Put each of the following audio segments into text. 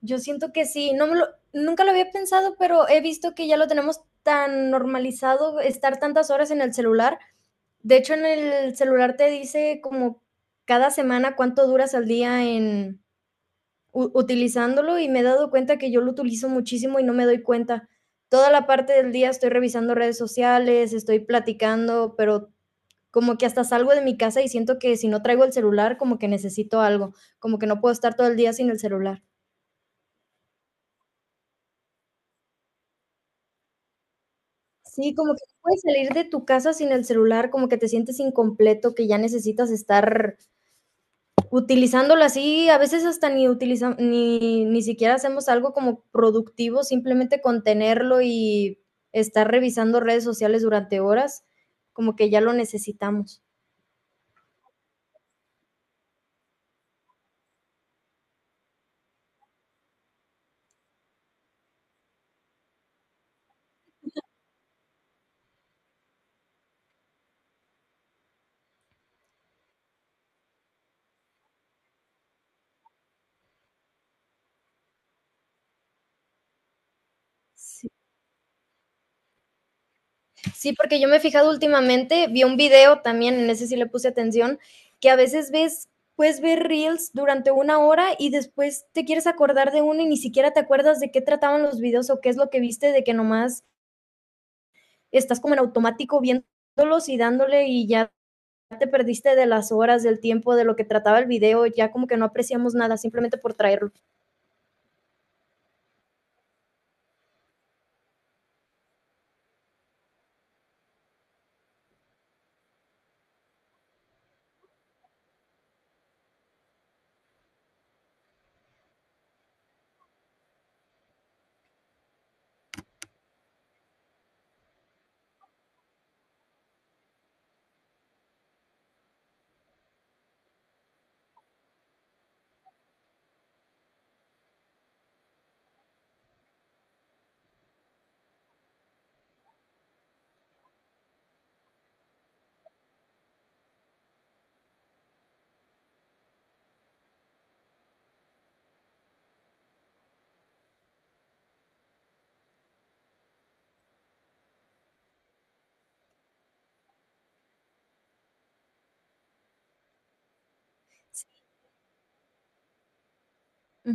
Yo siento que sí, no me lo, nunca lo había pensado, pero he visto que ya lo tenemos tan normalizado estar tantas horas en el celular. De hecho, en el celular te dice como cada semana cuánto duras al día en utilizándolo y me he dado cuenta que yo lo utilizo muchísimo y no me doy cuenta. Toda la parte del día estoy revisando redes sociales, estoy platicando, pero como que hasta salgo de mi casa y siento que si no traigo el celular, como que necesito algo, como que no puedo estar todo el día sin el celular. Sí, como que no puedes salir de tu casa sin el celular, como que te sientes incompleto, que ya necesitas estar utilizándolo así, a veces hasta ni utiliza, ni, ni siquiera hacemos algo como productivo, simplemente con tenerlo y estar revisando redes sociales durante horas, como que ya lo necesitamos. Sí. Sí, porque yo me he fijado últimamente, vi un video también, en ese sí le puse atención, que a veces ves, puedes ver reels durante una hora y después te quieres acordar de uno y ni siquiera te acuerdas de qué trataban los videos o qué es lo que viste, de que nomás estás como en automático viéndolos y dándole y ya te perdiste de las horas, del tiempo, de lo que trataba el video, ya como que no apreciamos nada simplemente por traerlo. Sí, hay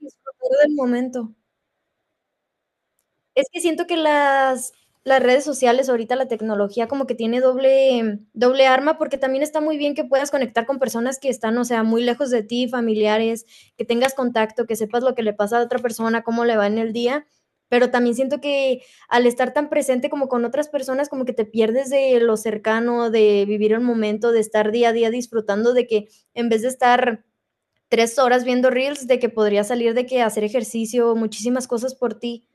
disfrutar del momento. Es que siento que las redes sociales, ahorita la tecnología como que tiene doble, doble arma, porque también está muy bien que puedas conectar con personas que están, o sea, muy lejos de ti, familiares, que tengas contacto, que sepas lo que le pasa a otra persona, cómo le va en el día, pero también siento que al estar tan presente como con otras personas, como que te pierdes de lo cercano, de vivir el momento, de estar día a día disfrutando, de que en vez de estar 3 horas viendo reels, de que podría salir de que hacer ejercicio, muchísimas cosas por ti.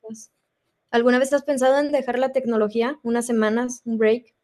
Pues. ¿Alguna vez has pensado en dejar la tecnología unas semanas, un break?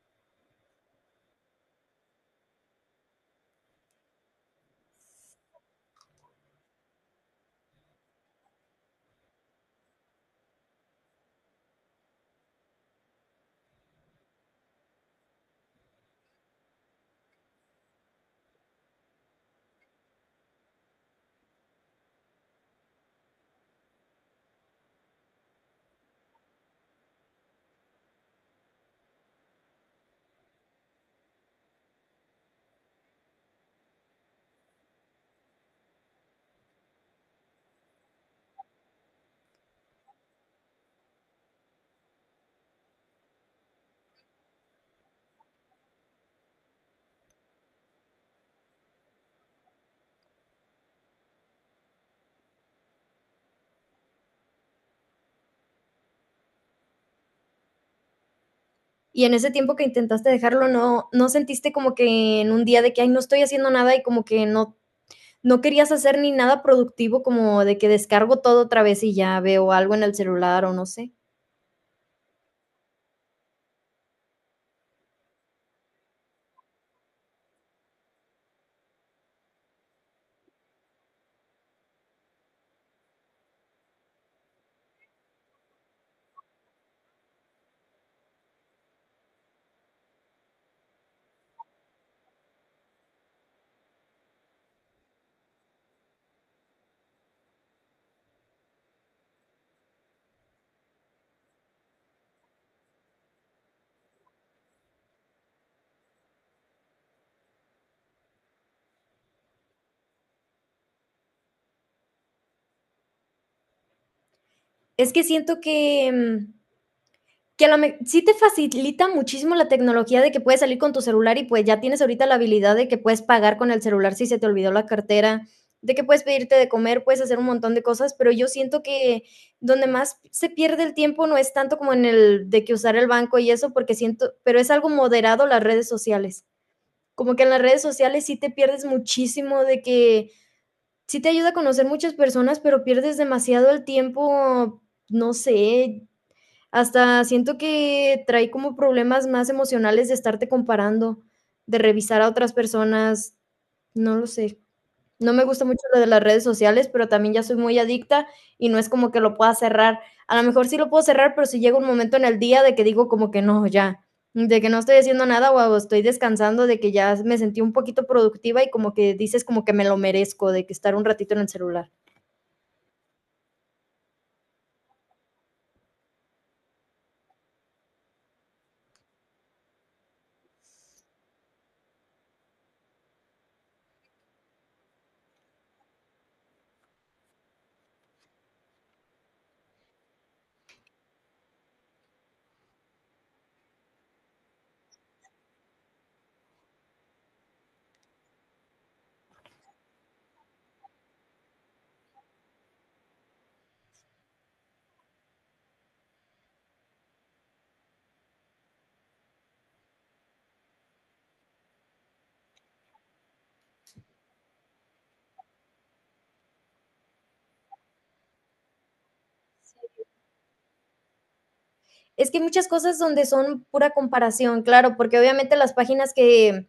Y en ese tiempo que intentaste dejarlo, ¿no, no sentiste como que en un día de que, ay, no estoy haciendo nada y como que no, no querías hacer ni nada productivo, como de que descargo todo otra vez y ya veo algo en el celular o no sé? Es que siento que que a la me sí te facilita muchísimo la tecnología de que puedes salir con tu celular y, pues, ya tienes ahorita la habilidad de que puedes pagar con el celular si se te olvidó la cartera, de que puedes pedirte de comer, puedes hacer un montón de cosas, pero yo siento que donde más se pierde el tiempo no es tanto como en el de que usar el banco y eso, porque siento, pero es algo moderado las redes sociales. Como que en las redes sociales sí te pierdes muchísimo de que sí te ayuda a conocer muchas personas, pero pierdes demasiado el tiempo, no sé, hasta siento que trae como problemas más emocionales de estarte comparando, de revisar a otras personas, no lo sé. No me gusta mucho lo de las redes sociales, pero también ya soy muy adicta y no es como que lo pueda cerrar. A lo mejor sí lo puedo cerrar, pero si llega un momento en el día de que digo como que no, ya, de que no estoy haciendo nada o estoy descansando, de que ya me sentí un poquito productiva y como que dices como que me lo merezco, de que estar un ratito en el celular. Es que hay muchas cosas donde son pura comparación, claro, porque obviamente las páginas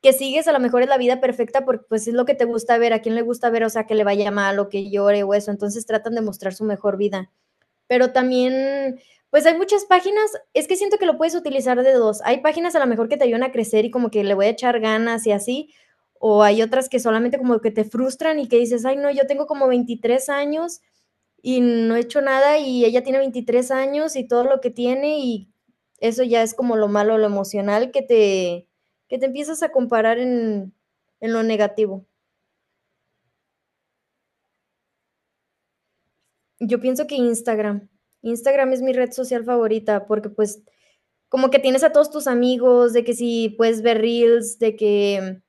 que sigues a lo mejor es la vida perfecta porque pues es lo que te gusta ver, a quién le gusta ver, o sea, que le vaya mal o que llore o eso, entonces tratan de mostrar su mejor vida, pero también, pues hay muchas páginas, es que siento que lo puedes utilizar de dos. Hay páginas a lo mejor que te ayudan a crecer y como que le voy a echar ganas y así, o hay otras que solamente como que te frustran y que dices, ay, no, yo tengo como 23 años y no he hecho nada y ella tiene 23 años y todo lo que tiene y eso ya es como lo malo, lo emocional que te empiezas a comparar en lo negativo. Yo pienso que Instagram, Instagram es mi red social favorita porque pues como que tienes a todos tus amigos, de que si puedes ver reels, de que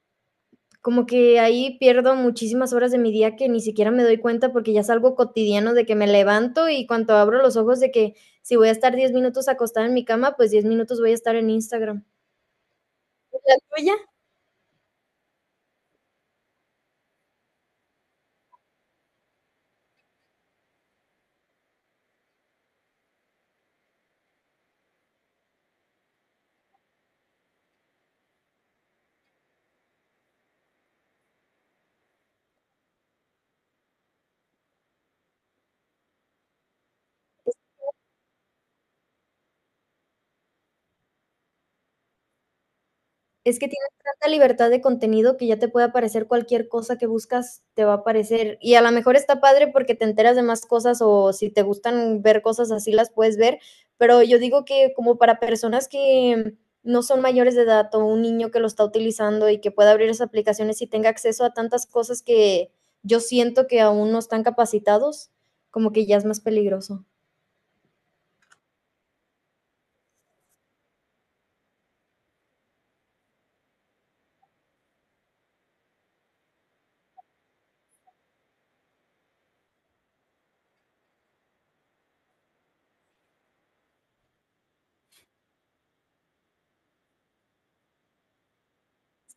como que ahí pierdo muchísimas horas de mi día que ni siquiera me doy cuenta porque ya es algo cotidiano de que me levanto y cuando abro los ojos de que si voy a estar 10 minutos acostada en mi cama, pues 10 minutos voy a estar en Instagram. ¿La tuya? Es que tienes tanta libertad de contenido que ya te puede aparecer cualquier cosa que buscas, te va a aparecer. Y a lo mejor está padre porque te enteras de más cosas o si te gustan ver cosas así las puedes ver, pero yo digo que como para personas que no son mayores de edad o un niño que lo está utilizando y que pueda abrir esas aplicaciones y tenga acceso a tantas cosas que yo siento que aún no están capacitados, como que ya es más peligroso.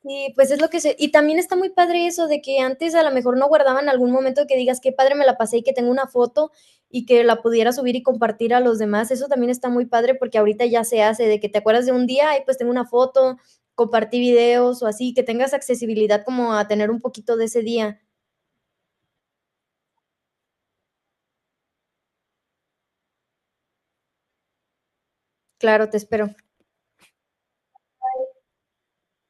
Sí, pues es lo que se. Y también está muy padre eso de que antes a lo mejor no guardaban algún momento que digas qué padre me la pasé y que tengo una foto y que la pudiera subir y compartir a los demás. Eso también está muy padre porque ahorita ya se hace de que te acuerdas de un día y pues tengo una foto, compartí videos o así, que tengas accesibilidad como a tener un poquito de ese día. Claro, te espero.